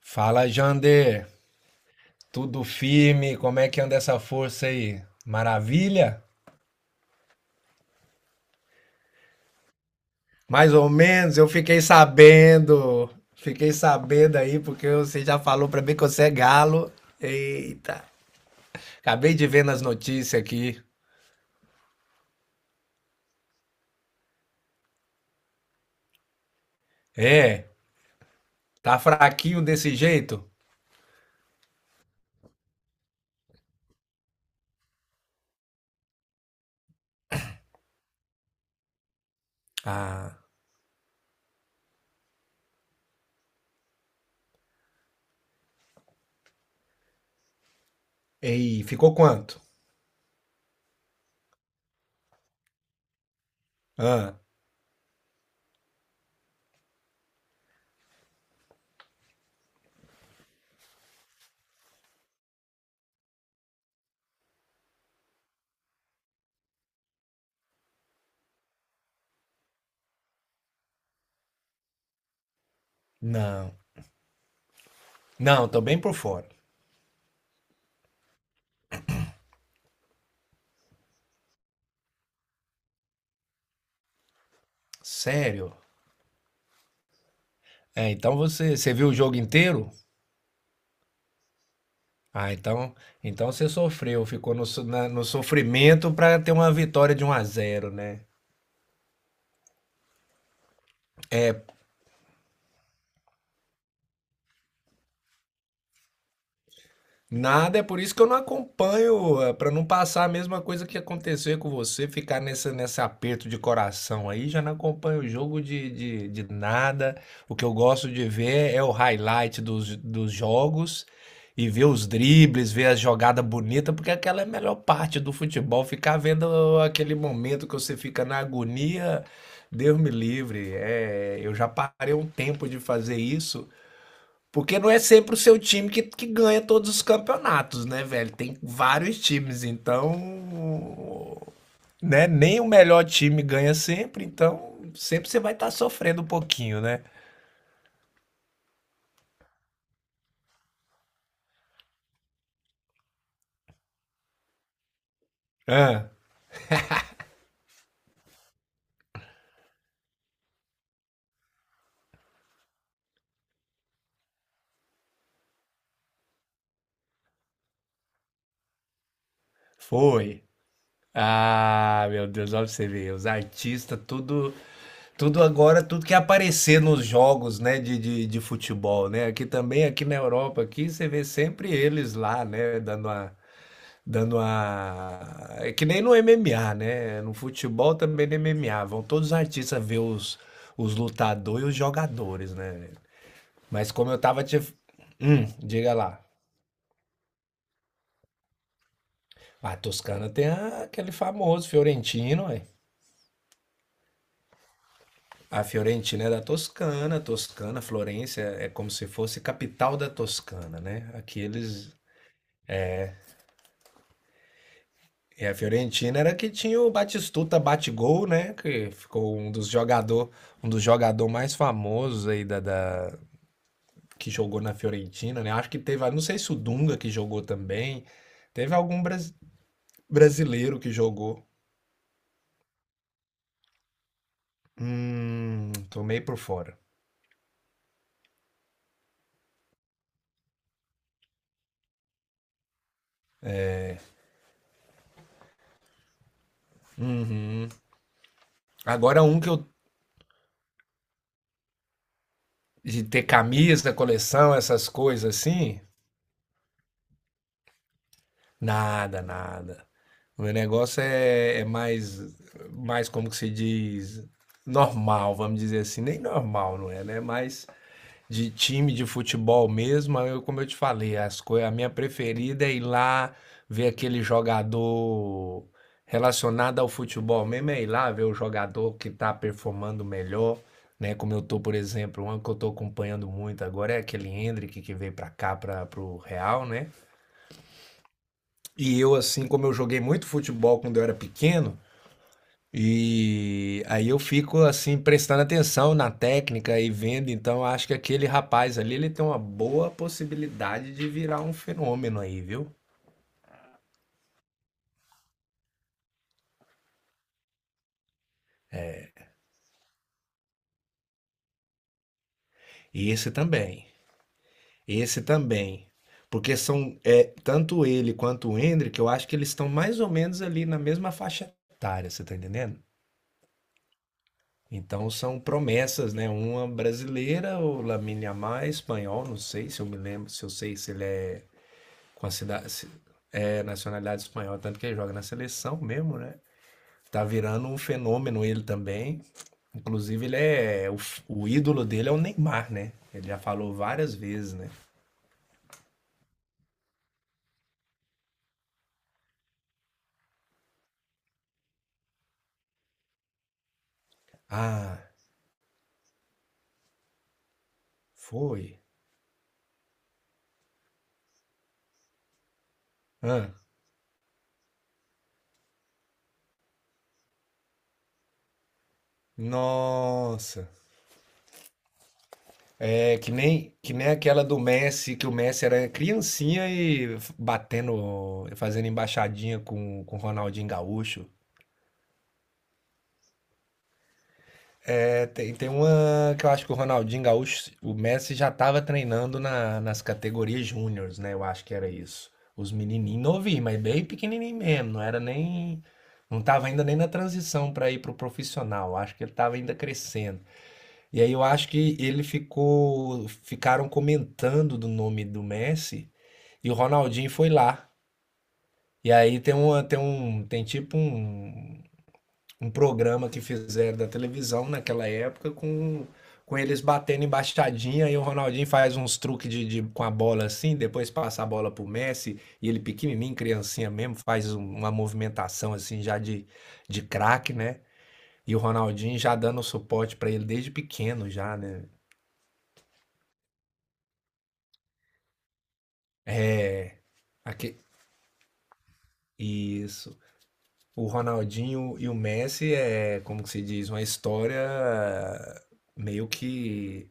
Fala, Jander. Tudo firme? Como é que anda essa força aí? Maravilha? Mais ou menos, eu fiquei sabendo. Fiquei sabendo aí porque você já falou pra mim que você é galo. Eita. Acabei de ver nas notícias aqui. É, tá fraquinho desse jeito? Ah. Ei, ficou quanto? Ah, não. Não, tô bem por fora. Sério? É, então você viu o jogo inteiro? Ah, então, então você sofreu, ficou no sofrimento para ter uma vitória de um a zero, né? Nada, é por isso que eu não acompanho, para não passar a mesma coisa que aconteceu com você, ficar nesse aperto de coração aí, já não acompanho o jogo de nada. O que eu gosto de ver é o highlight dos jogos e ver os dribles, ver a jogada bonita, porque aquela é a melhor parte do futebol, ficar vendo aquele momento que você fica na agonia. Deus me livre. É, eu já parei um tempo de fazer isso. Porque não é sempre o seu time que ganha todos os campeonatos, né, velho? Tem vários times, então. Né? Nem o melhor time ganha sempre, então sempre você vai estar sofrendo um pouquinho, né? Ah, foi. Ah, meu Deus, olha pra você ver. Os artistas, tudo, tudo agora, tudo que aparecer nos jogos, né, de futebol, né? Aqui também, aqui na Europa, aqui você vê sempre eles lá, né, dando uma. Dando a. É que nem no MMA, né? No futebol também no MMA. Vão todos os artistas ver os lutadores e os jogadores, né? Mas como eu tava te. Diga lá. A Toscana tem aquele famoso Fiorentino, ué. A Fiorentina é da Toscana. Toscana, Florença é como se fosse capital da Toscana, né? Aqueles. E a Fiorentina era que tinha o Batistuta Batigol, né? Que ficou um dos jogador mais famosos aí da, que jogou na Fiorentina, né? Acho que teve, não sei se o Dunga que jogou também. Teve algum brasileiro que jogou. Tomei por fora. Uhum. Agora um que eu de ter camisa, coleção, essas coisas assim, nada, nada. O meu negócio é, é mais, mais como que se diz, normal, vamos dizer assim. Nem normal, não é, né? Mas de time de futebol mesmo, eu, como eu te falei, as coisas, a minha preferida é ir lá ver aquele jogador relacionado ao futebol mesmo, é ir lá ver o jogador que tá performando melhor, né? Como eu tô, por exemplo, um que eu tô acompanhando muito agora é aquele Hendrick que veio pra cá, para pro Real, né? E eu, assim, como eu joguei muito futebol quando eu era pequeno, e aí eu fico assim prestando atenção na técnica e vendo, então acho que aquele rapaz ali ele tem uma boa possibilidade de virar um fenômeno aí, viu? E esse também, porque são é, tanto ele quanto o Hendrick, eu acho que eles estão mais ou menos ali na mesma faixa etária, você tá entendendo? Então são promessas, né? Uma brasileira, o Lamine Yamal é espanhol, não sei se eu me lembro, se eu sei se ele é com a cidade. É nacionalidade espanhola, tanto que ele joga na seleção mesmo, né? Tá virando um fenômeno ele também. Inclusive, ele é. O ídolo dele é o Neymar, né? Ele já falou várias vezes, né? Ah, foi. Ah, nossa. É que nem aquela do Messi, que o Messi era criancinha e batendo, fazendo embaixadinha com o Ronaldinho Gaúcho. É, tem, tem uma que eu acho que o Ronaldinho Gaúcho, o Messi já estava treinando nas categorias júniores, né? Eu acho que era isso. Os menininhos novinhos, mas bem pequenininho mesmo. Não era nem. Não estava ainda nem na transição para ir pro profissional. Eu acho que ele estava ainda crescendo. E aí eu acho que ele ficou. Ficaram comentando do nome do Messi e o Ronaldinho foi lá. E aí tem uma, tem um, tem tipo um, um programa que fizeram da televisão naquela época com eles batendo embaixadinha e o Ronaldinho faz uns truques com a bola assim, depois passa a bola pro Messi e ele pequenininho, criancinha mesmo, faz uma movimentação assim já de craque, né? E o Ronaldinho já dando suporte pra ele desde pequeno já, né? É, aque- isso. O Ronaldinho e o Messi é, como que se diz, uma história meio que.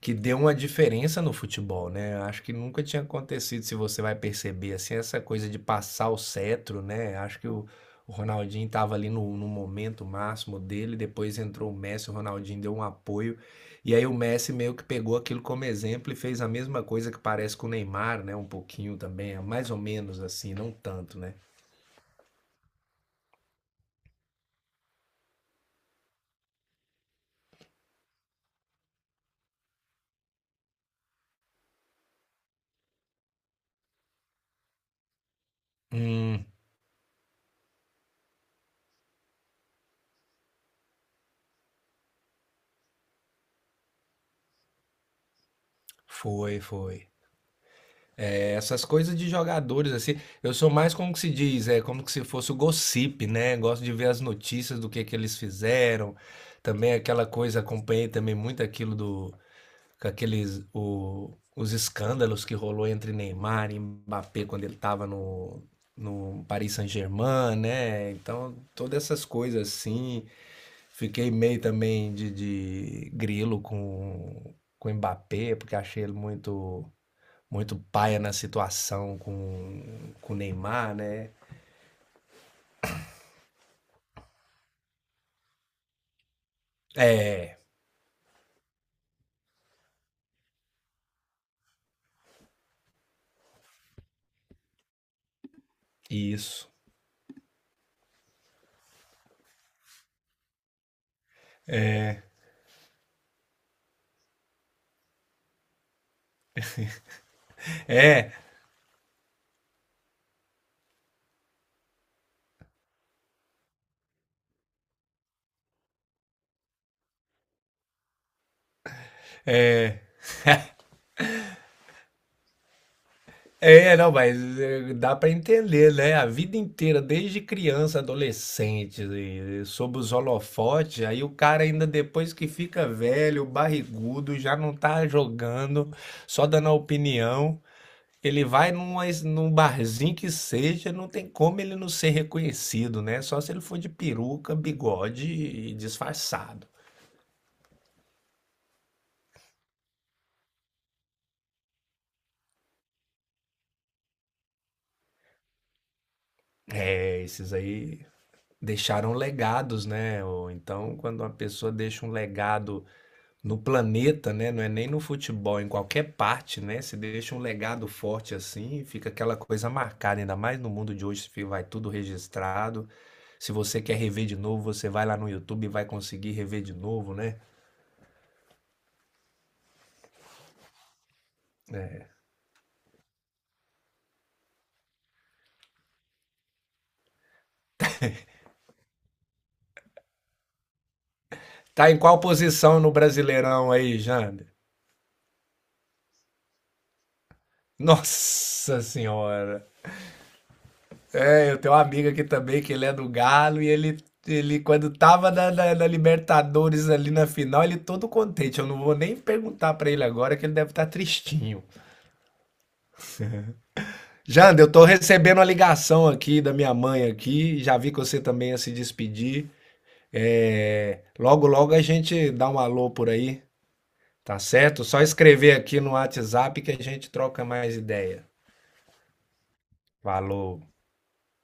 Que deu uma diferença no futebol, né? Acho que nunca tinha acontecido, se você vai perceber, assim, essa coisa de passar o cetro, né? Acho que o Ronaldinho estava ali no momento máximo dele, depois entrou o Messi, o Ronaldinho deu um apoio, e aí o Messi meio que pegou aquilo como exemplo e fez a mesma coisa que parece com o Neymar, né? Um pouquinho também, é mais ou menos assim, não tanto, né? Hum, Foi, foi. Essas coisas de jogadores, assim, eu sou mais como que se diz, é como que se fosse o gossip, né? Gosto de ver as notícias do que eles fizeram. Também aquela coisa, acompanhei também muito aquilo do, com aqueles, os escândalos que rolou entre Neymar e Mbappé quando ele estava no, no Paris Saint-Germain, né? Então, todas essas coisas assim. Fiquei meio também de grilo com o Mbappé, porque achei ele muito muito paia na situação com o Neymar, né. É, isso. É, é, não, mas, dá pra entender, né, a vida inteira, desde criança, adolescente, e sob os holofotes, aí o cara ainda depois que fica velho, barrigudo, já não tá jogando, só dando a opinião, ele vai numa es num barzinho que seja, não tem como ele não ser reconhecido, né, só se ele for de peruca, bigode e disfarçado. É, esses aí deixaram legados, né? Ou então, quando uma pessoa deixa um legado no planeta, né? Não é nem no futebol, em qualquer parte, né? Se deixa um legado forte assim, fica aquela coisa marcada, ainda mais no mundo de hoje, vai tudo registrado. Se você quer rever de novo, você vai lá no YouTube e vai conseguir rever de novo, né? Tá em qual posição no Brasileirão aí, Jander? Nossa Senhora! É, eu tenho um amigo aqui também, que ele é do Galo, e ele quando tava na Libertadores ali na final, ele todo contente. Eu não vou nem perguntar pra ele agora, que ele deve estar tristinho. Jander, eu tô recebendo uma ligação aqui da minha mãe aqui, já vi que você também ia se despedir. É, logo, logo a gente dá um alô por aí, tá certo? Só escrever aqui no WhatsApp que a gente troca mais ideia. Falou.